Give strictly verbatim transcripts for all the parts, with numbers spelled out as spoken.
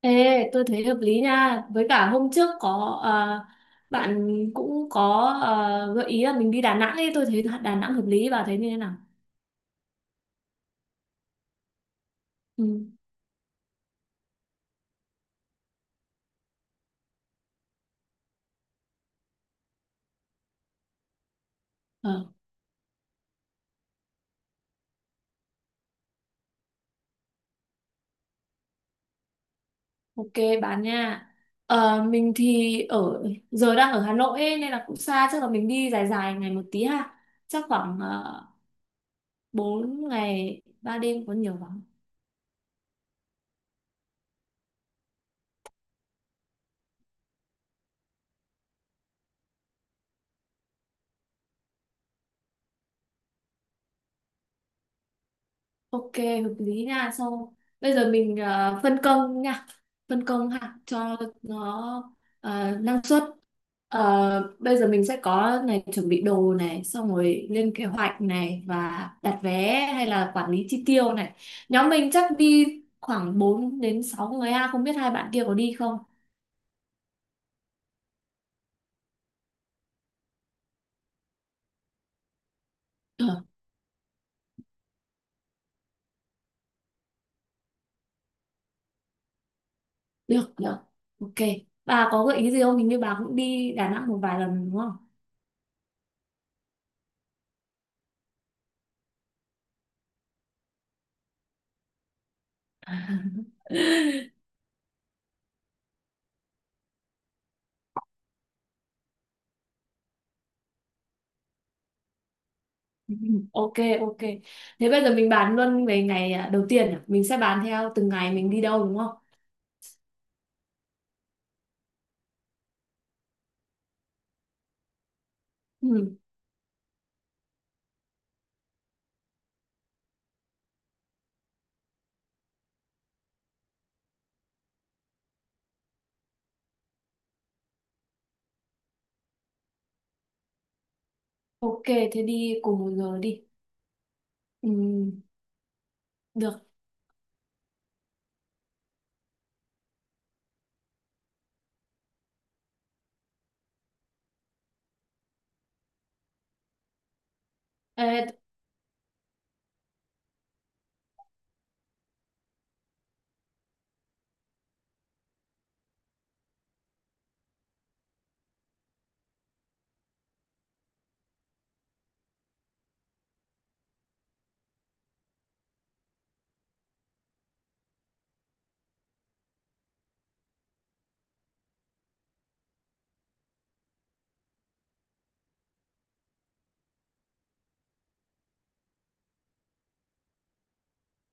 Ê, tôi thấy hợp lý nha. Với cả hôm trước có ờ, bạn cũng có ờ, gợi ý là mình đi Đà Nẵng ấy, tôi thấy Đà Nẵng hợp lý, bà thấy như thế nào? Ừ. Ờ, ok bạn nha. Ờ, mình thì ở giờ đang ở Hà Nội ấy, nên là cũng xa, chắc là mình đi dài dài ngày một tí ha. Chắc khoảng uh, bốn ngày ba đêm có nhiều lắm. Ok, hợp lý nha. Sau bây giờ mình ờ, phân công nha, phân công ha cho nó ờ, năng suất. Ờ, bây giờ mình sẽ có này chuẩn bị đồ này, xong rồi lên kế hoạch này và đặt vé hay là quản lý chi tiêu này. Nhóm mình chắc đi khoảng bốn đến sáu người ha, không biết hai bạn kia có đi không? Được, được, được. Ok. Bà có gợi ý gì không? Hình như bà cũng đi Đà Nẵng một vài lần đúng không? Ok, ok. Thế bây giờ mình bàn luôn về ngày à, đầu tiên à? Mình sẽ bàn theo từng ngày mình đi đâu đúng không? Ừ. Ok, thế đi cùng một giờ đi. Ừ, được. Ê,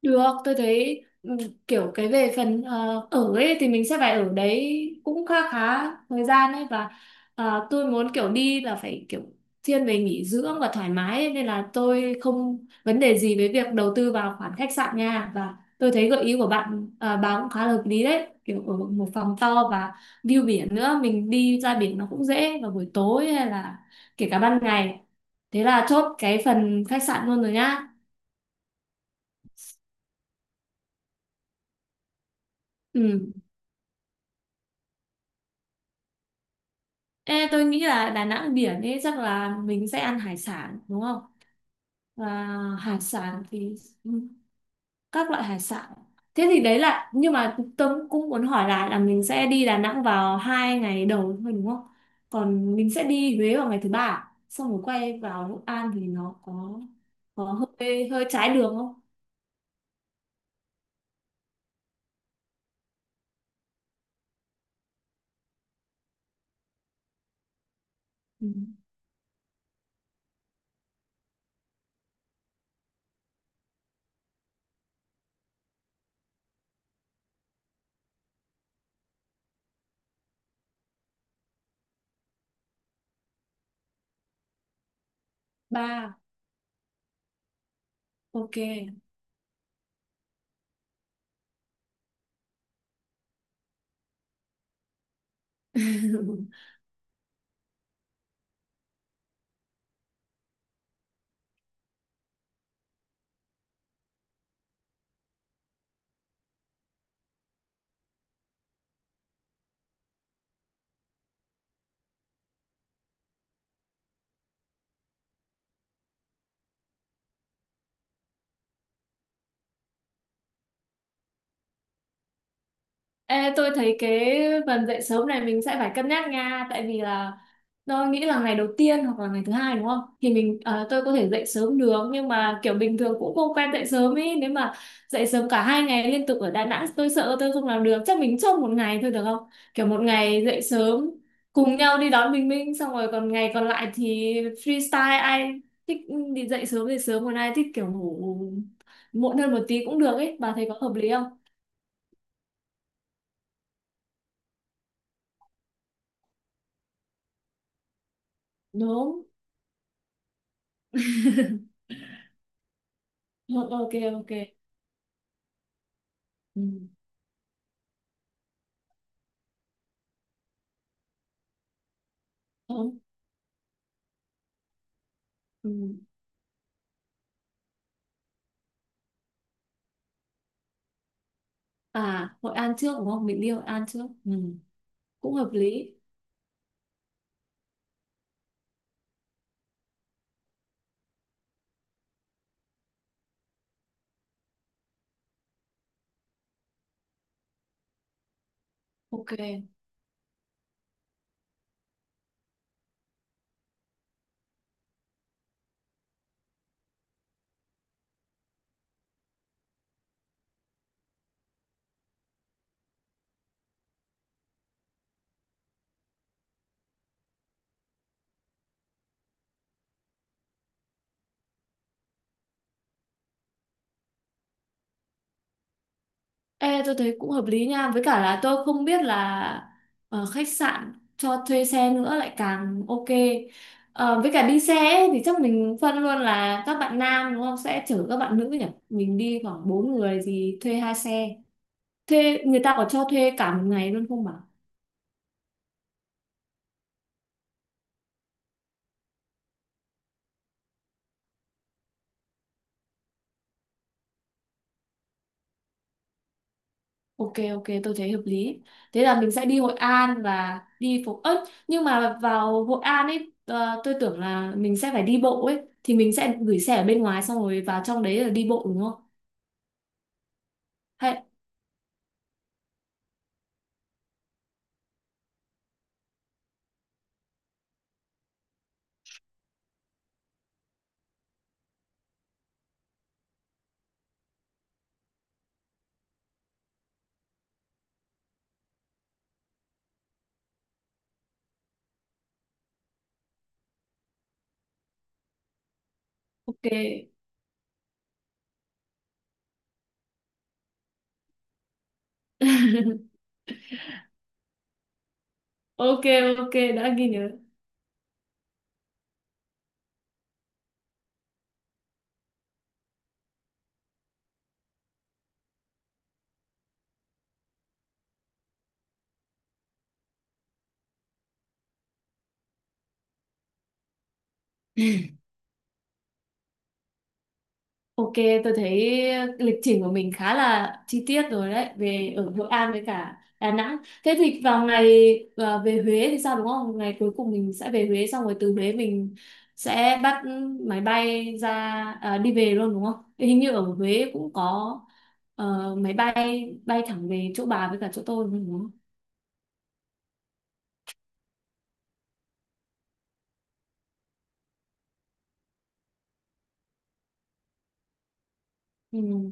được, tôi thấy ừ, kiểu cái về phần ờ, ở ấy thì mình sẽ phải ở đấy cũng khá khá thời gian ấy và ờ, tôi muốn kiểu đi là phải kiểu thiên về nghỉ dưỡng và thoải mái ấy, nên là tôi không vấn đề gì với việc đầu tư vào khoản khách sạn nha, và tôi thấy gợi ý của bạn ờ, bà cũng khá là hợp lý đấy, kiểu ở một phòng to và view biển, nữa mình đi ra biển nó cũng dễ vào buổi tối hay là kể cả ban ngày. Thế là chốt cái phần khách sạn luôn rồi nhá. Ừ. Ê, tôi nghĩ là Đà Nẵng biển ấy chắc là mình sẽ ăn hải sản đúng không? Và hải sản thì ừ, các loại hải sản. Thế thì đấy là, nhưng mà tôi cũng muốn hỏi lại là mình sẽ đi Đà Nẵng vào hai ngày đầu thôi đúng không? Còn mình sẽ đi Huế vào ngày thứ ba à? Xong rồi quay vào Hội An thì nó có có hơi hơi trái đường không? Ừ. Ba, ok. Ê, tôi thấy cái phần dậy sớm này mình sẽ phải cân nhắc nha, tại vì là tôi nghĩ là ngày đầu tiên hoặc là ngày thứ hai đúng không? Thì mình, à, tôi có thể dậy sớm được, nhưng mà kiểu bình thường cũng không quen dậy sớm ấy. Nếu mà dậy sớm cả hai ngày liên tục ở Đà Nẵng tôi sợ tôi không làm được. Chắc mình chốt một ngày thôi được không? Kiểu một ngày dậy sớm cùng nhau đi đón Bình Minh, xong rồi còn ngày còn lại thì freestyle, ai thích đi dậy sớm thì sớm, còn ai thích kiểu ngủ muộn hơn một tí cũng được ấy. Bà thấy có hợp lý không? Đúng. Ờ, Ok ok. Ừ. Đúng. Ừ. À, Hội An trước đúng không? Mình đi Hội An trước. Ừ. Cũng hợp lý, ok. Ê, tôi thấy cũng hợp lý nha, với cả là tôi không biết là ờ, khách sạn cho thuê xe nữa, lại càng ok. Ờ, với cả đi xe ấy, thì chắc mình phân luôn là các bạn nam đúng không sẽ chở các bạn nữ nhỉ, mình đi khoảng bốn người thì thuê hai xe, thuê người ta có cho thuê cả một ngày luôn không bà? Ok, ok, tôi thấy hợp lý. Thế là mình sẽ đi Hội An và đi phố ớt, nhưng mà vào Hội An ấy ờ, tôi tưởng là mình sẽ phải đi bộ ấy, thì mình sẽ gửi xe ở bên ngoài xong rồi vào trong đấy là đi bộ đúng không? Hay ok. Ok ok, đã ghi nhớ. Ok, tôi thấy lịch trình của mình khá là chi tiết rồi đấy, về ở Hội An với cả Đà Nẵng. Thế thì vào ngày, à, về Huế thì sao đúng không? Ngày cuối cùng mình sẽ về Huế, xong rồi từ Huế mình sẽ bắt máy bay ra, à, đi về luôn đúng không? Hình như ở Huế cũng có ờ, máy bay bay thẳng về chỗ bà với cả chỗ tôi đúng không? Ừ.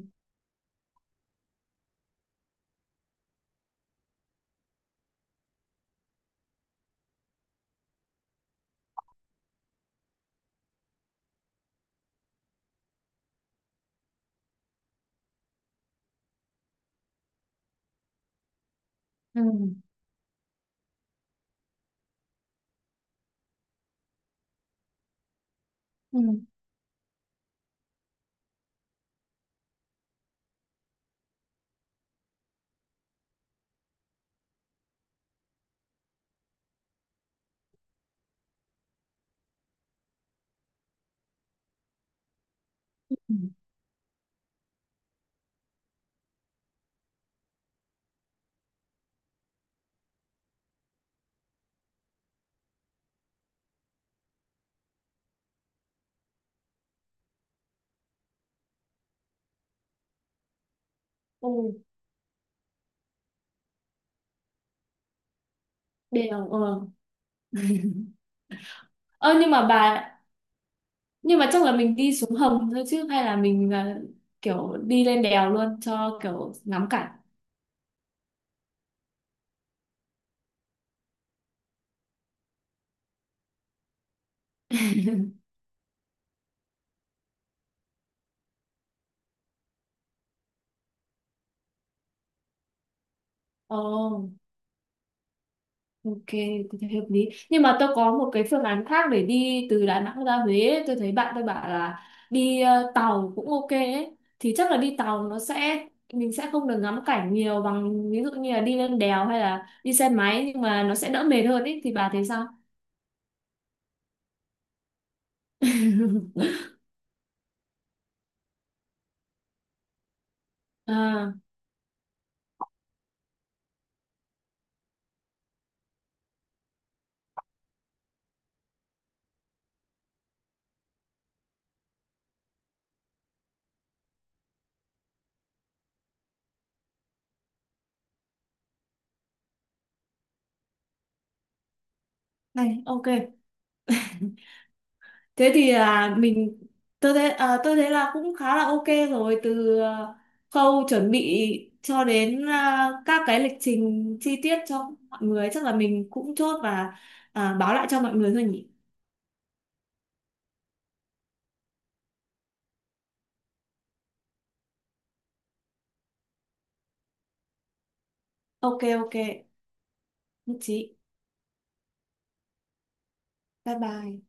Ừ. Ừ. Ừ. Ừ. Đều ờ. Ơ, nhưng mà bà nhưng mà chắc là mình đi xuống hầm thôi chứ, hay là mình à, kiểu đi lên đèo luôn cho kiểu ngắm cảnh. Ồ, ok, tôi thấy hợp lý, nhưng mà tôi có một cái phương án khác để đi từ Đà Nẵng ra Huế ấy. Tôi thấy bạn tôi bảo là đi ờ, tàu cũng ok ấy, thì chắc là đi tàu, nó sẽ mình sẽ không được ngắm cảnh nhiều bằng ví dụ như là đi lên đèo hay là đi xe máy, nhưng mà nó sẽ đỡ mệt hơn ấy, thì bà thấy sao? À này, ok. Thế thì là mình tôi thấy à, tôi thấy là cũng khá là ok. Rồi từ, à, khâu chuẩn bị cho đến à, các cái lịch trình chi tiết cho mọi người chắc là mình cũng chốt và à, báo lại cho mọi người thôi nhỉ. Ok ok, nhất trí. Bye bye.